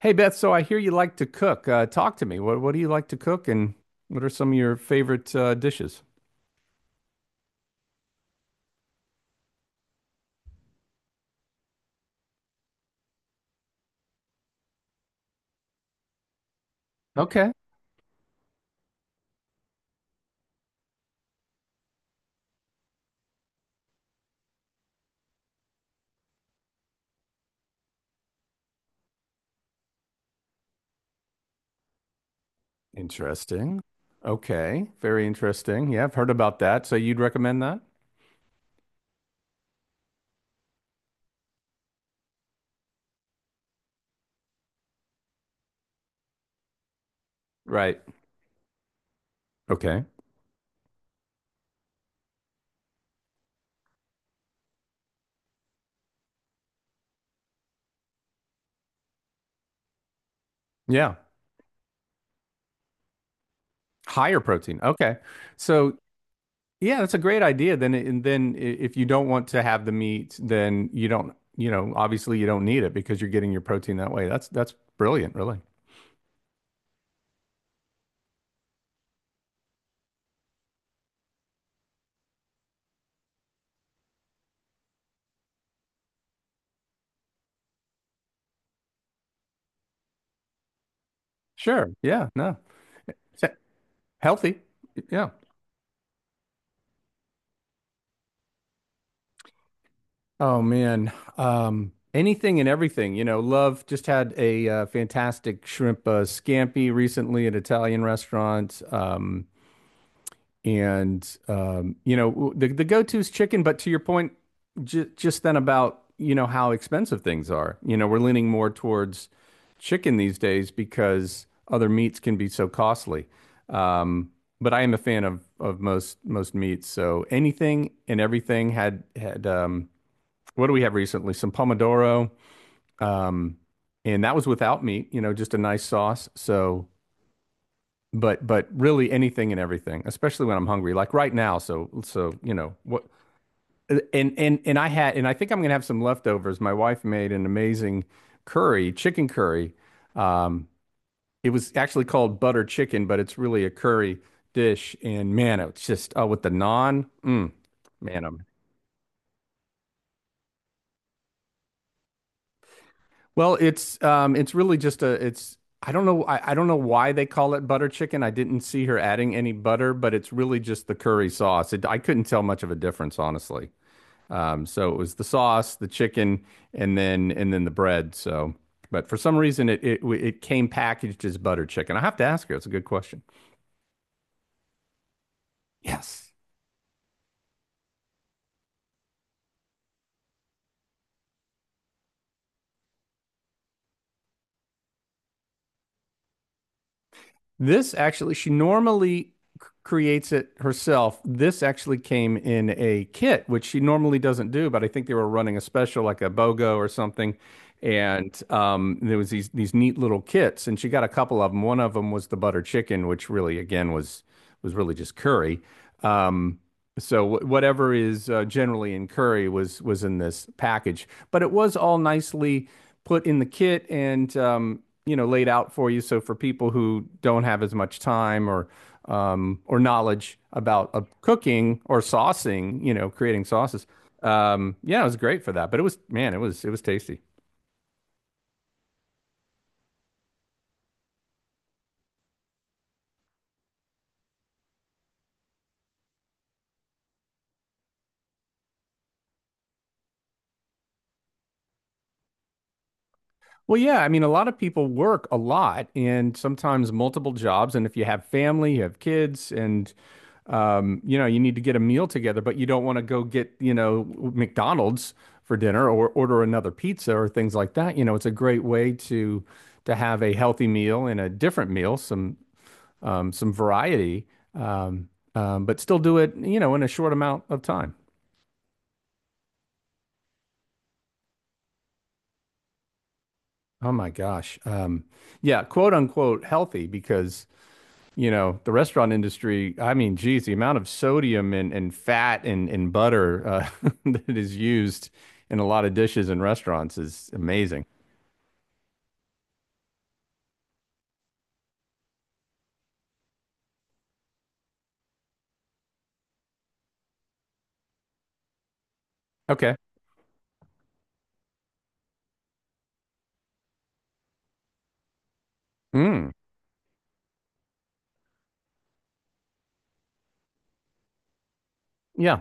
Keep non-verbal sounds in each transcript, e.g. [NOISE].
Hey Beth, so I hear you like to cook. Talk to me. What do you like to cook, and what are some of your favorite dishes? Okay. Interesting. Okay. Very interesting. Yeah, I've heard about that. So you'd recommend that? Right. Okay. Yeah. Higher protein. Okay. So yeah, that's a great idea. Then it- and then I- if you don't want to have the meat, then you don't, you know, obviously you don't need it because you're getting your protein that way. That's brilliant, really. Sure. Yeah. No. It's he- Healthy. Yeah. Oh man, anything and everything. You know, Love just had a fantastic shrimp scampi recently at an Italian restaurant. And you know, the go-to is chicken. But to your point, j just then about you know how expensive things are. You know, we're leaning more towards chicken these days because other meats can be so costly. Um, but I am a fan of most meats. So anything and everything had. What do we have recently? Some pomodoro, um, and that was without meat. You know, just a nice sauce. So, but really anything and everything, especially when I'm hungry, like right now. So you know what. And I had and I think I'm gonna have some leftovers. My wife made an amazing curry, chicken curry. Um, it was actually called butter chicken, but it's really a curry dish. And man, it's just oh, with the naan, mm, man, I'm Well, it's really just a it's I don't know I don't know why they call it butter chicken. I didn't see her adding any butter, but it's really just the curry sauce. I couldn't tell much of a difference, honestly. So it was the sauce, the chicken, and then the bread. So, but for some reason it came packaged as butter chicken. I have to ask her. It's a good question. Yes. This actually, she normally creates it herself. This actually came in a kit, which she normally doesn't do, but I think they were running a special like a BOGO or something. And there was these neat little kits, and she got a couple of them. One of them was the butter chicken, which really, again, was really just curry. Um, so whatever is generally in curry was in this package, but it was all nicely put in the kit and you know laid out for you. So for people who don't have as much time or knowledge about cooking or saucing, you know, creating sauces, yeah, it was great for that. But it was man, it was tasty. Well, yeah, I mean, a lot of people work a lot and sometimes multiple jobs. And if you have family, you have kids, and you know, you need to get a meal together, but you don't want to go get, you know, McDonald's for dinner or order another pizza or things like that. You know, it's a great way to have a healthy meal and a different meal, some variety, um, but still do it, you know, in a short amount of time. Oh my gosh. Yeah, quote unquote healthy because you know, the restaurant industry, I mean, geez, the amount of sodium and fat and butter [LAUGHS] that is used in a lot of dishes in restaurants is amazing. Okay. Mm. Yeah.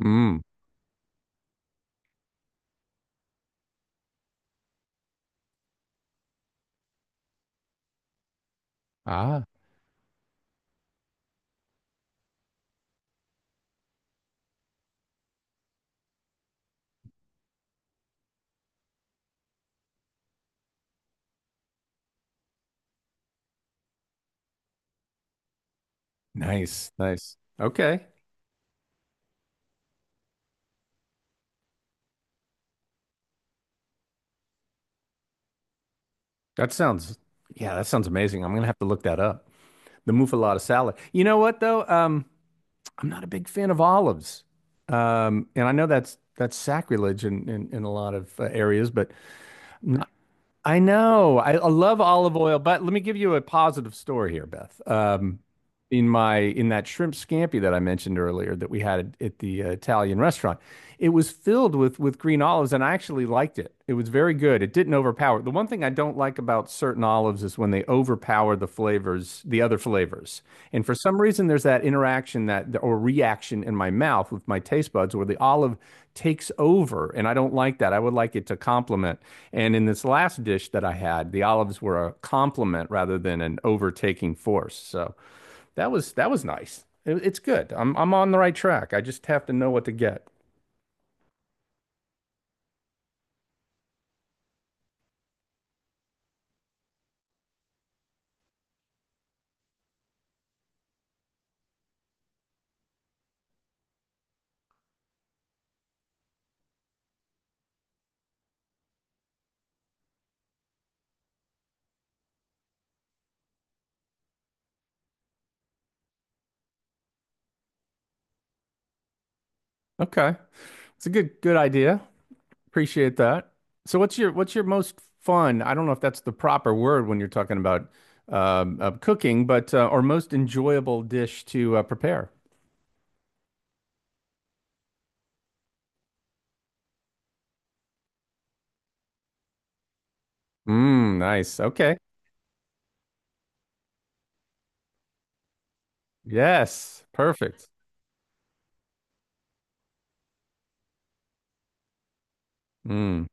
Mm. Ah, nice. Nice. Okay. That sounds, yeah, that sounds amazing. I'm gonna have to look that up. The muffaletta salad. You know what though? I'm not a big fan of olives. And I know that's sacrilege in in a lot of areas, but I'm I know. I love olive oil, but let me give you a positive story here, Beth. In my in that shrimp scampi that I mentioned earlier that we had at the Italian restaurant. It was filled with green olives, and I actually liked it. It was very good. It didn't overpower. The one thing I don't like about certain olives is when they overpower the flavors, the other flavors. And for some reason, there's that interaction that or reaction in my mouth with my taste buds where the olive takes over, and I don't like that. I would like it to complement. And in this last dish that I had, the olives were a complement rather than an overtaking force. So. That was nice. It's good. I'm on the right track. I just have to know what to get. Okay. It's a good idea. Appreciate that. So what's your most fun? I don't know if that's the proper word when you're talking about cooking, but or most enjoyable dish to prepare. Mm, nice. Okay. Yes. Perfect. Mm.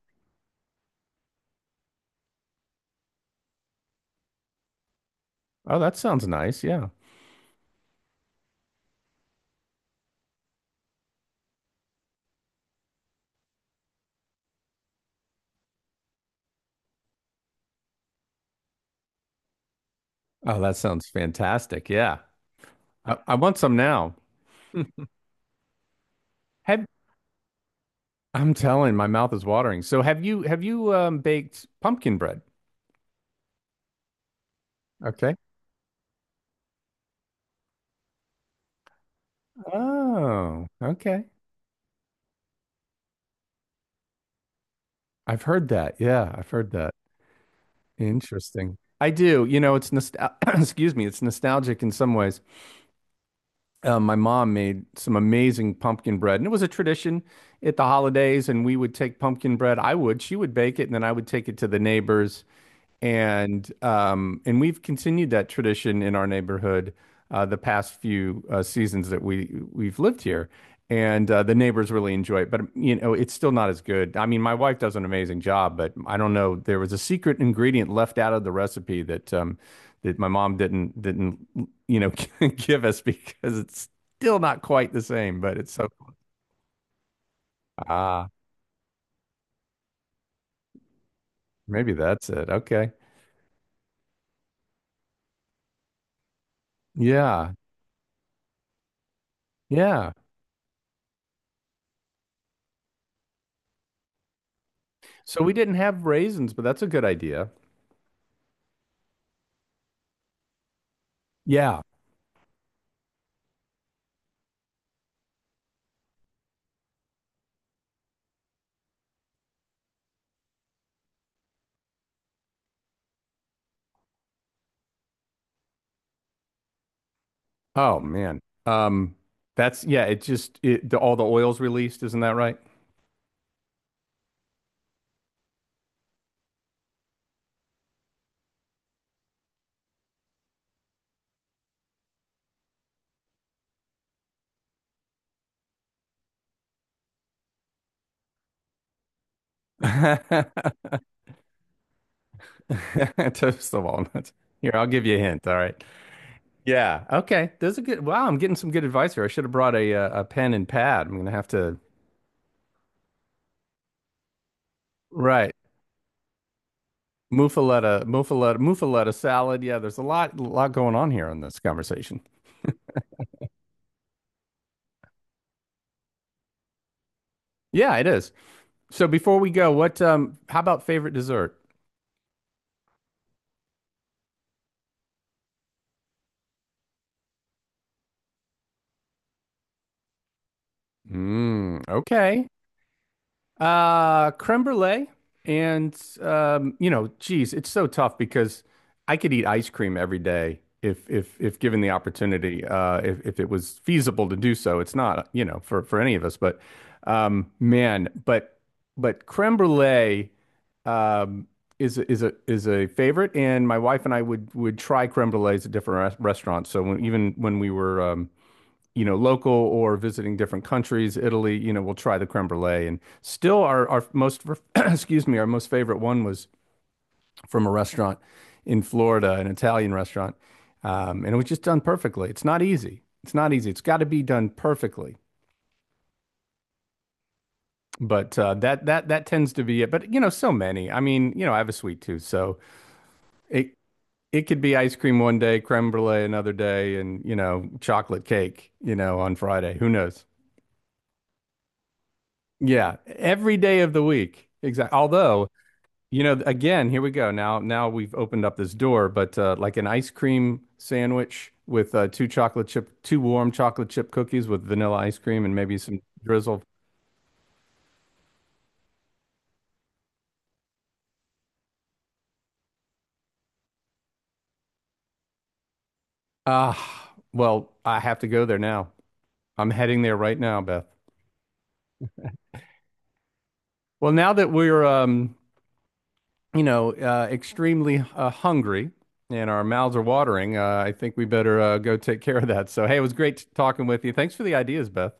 Oh, that sounds nice. Yeah. Oh, that sounds fantastic. Yeah. I want some now. Have I'm telling, my mouth is watering. So have you baked pumpkin bread? Okay. Oh, okay. I've heard that. Yeah, I've heard that. Interesting. I do. You know, it's nostal [CLEARS THROAT] excuse me, it's nostalgic in some ways. My mom made some amazing pumpkin bread, and it was a tradition at the holidays, and we would take pumpkin bread. She would bake it, and then I would take it to the neighbors. And we've continued that tradition in our neighborhood the past few seasons that we've lived here, and the neighbors really enjoy it. But you know, it's still not as good. I mean, my wife does an amazing job, but I don't know. There was a secret ingredient left out of the recipe that that my mom didn't you know [LAUGHS] give us because it's still not quite the same. But it's so ah, maybe that's it. Okay, yeah, yeah. So we didn't have raisins, but that's a good idea. Yeah. Oh man. Um that's yeah, it just all the oil's released, isn't that right? [LAUGHS] Toast the walnuts. Here, I'll give you a hint, all right. Yeah, okay. There's a good wow, I'm getting some good advice here. I should have brought a pen and pad. I'm gonna have to right. Muffaletta, muffaletta, muffaletta salad. Yeah, there's a lot going on here in this conversation. Yeah, it is. So before we go, what how about favorite dessert? Mm, okay. Creme brulee. And, you know, geez, it's so tough because I could eat ice cream every day if given the opportunity, if it was feasible to do so. It's not, you know, for any of us, but, man, but creme brulee, um, is a favorite. And my wife and I would try creme brulees at different restaurants. So when, even when we were, you know, local or visiting different countries. Italy, you know, we'll try the creme brulee. And still, our most, [CLEARS THROAT] excuse me, our most favorite one was from a restaurant in Florida, an Italian restaurant. And it was just done perfectly. It's not easy. It's not easy. It's got to be done perfectly. But that tends to be it. But you know, so many. I mean, you know, I have a sweet tooth, so it it could be ice cream one day, creme brulee another day, and you know, chocolate cake, you know, on Friday. Who knows? Yeah, every day of the week. Exactly. Although, you know, again, here we go. Now we've opened up this door, but like an ice cream sandwich with two chocolate chip, two warm chocolate chip cookies with vanilla ice cream and maybe some drizzle. Ah, well, I have to go there now. I'm heading there right now, Beth. Well, now that we're, you know, extremely hungry and our mouths are watering, I think we better go take care of that. So, hey, it was great talking with you. Thanks for the ideas, Beth.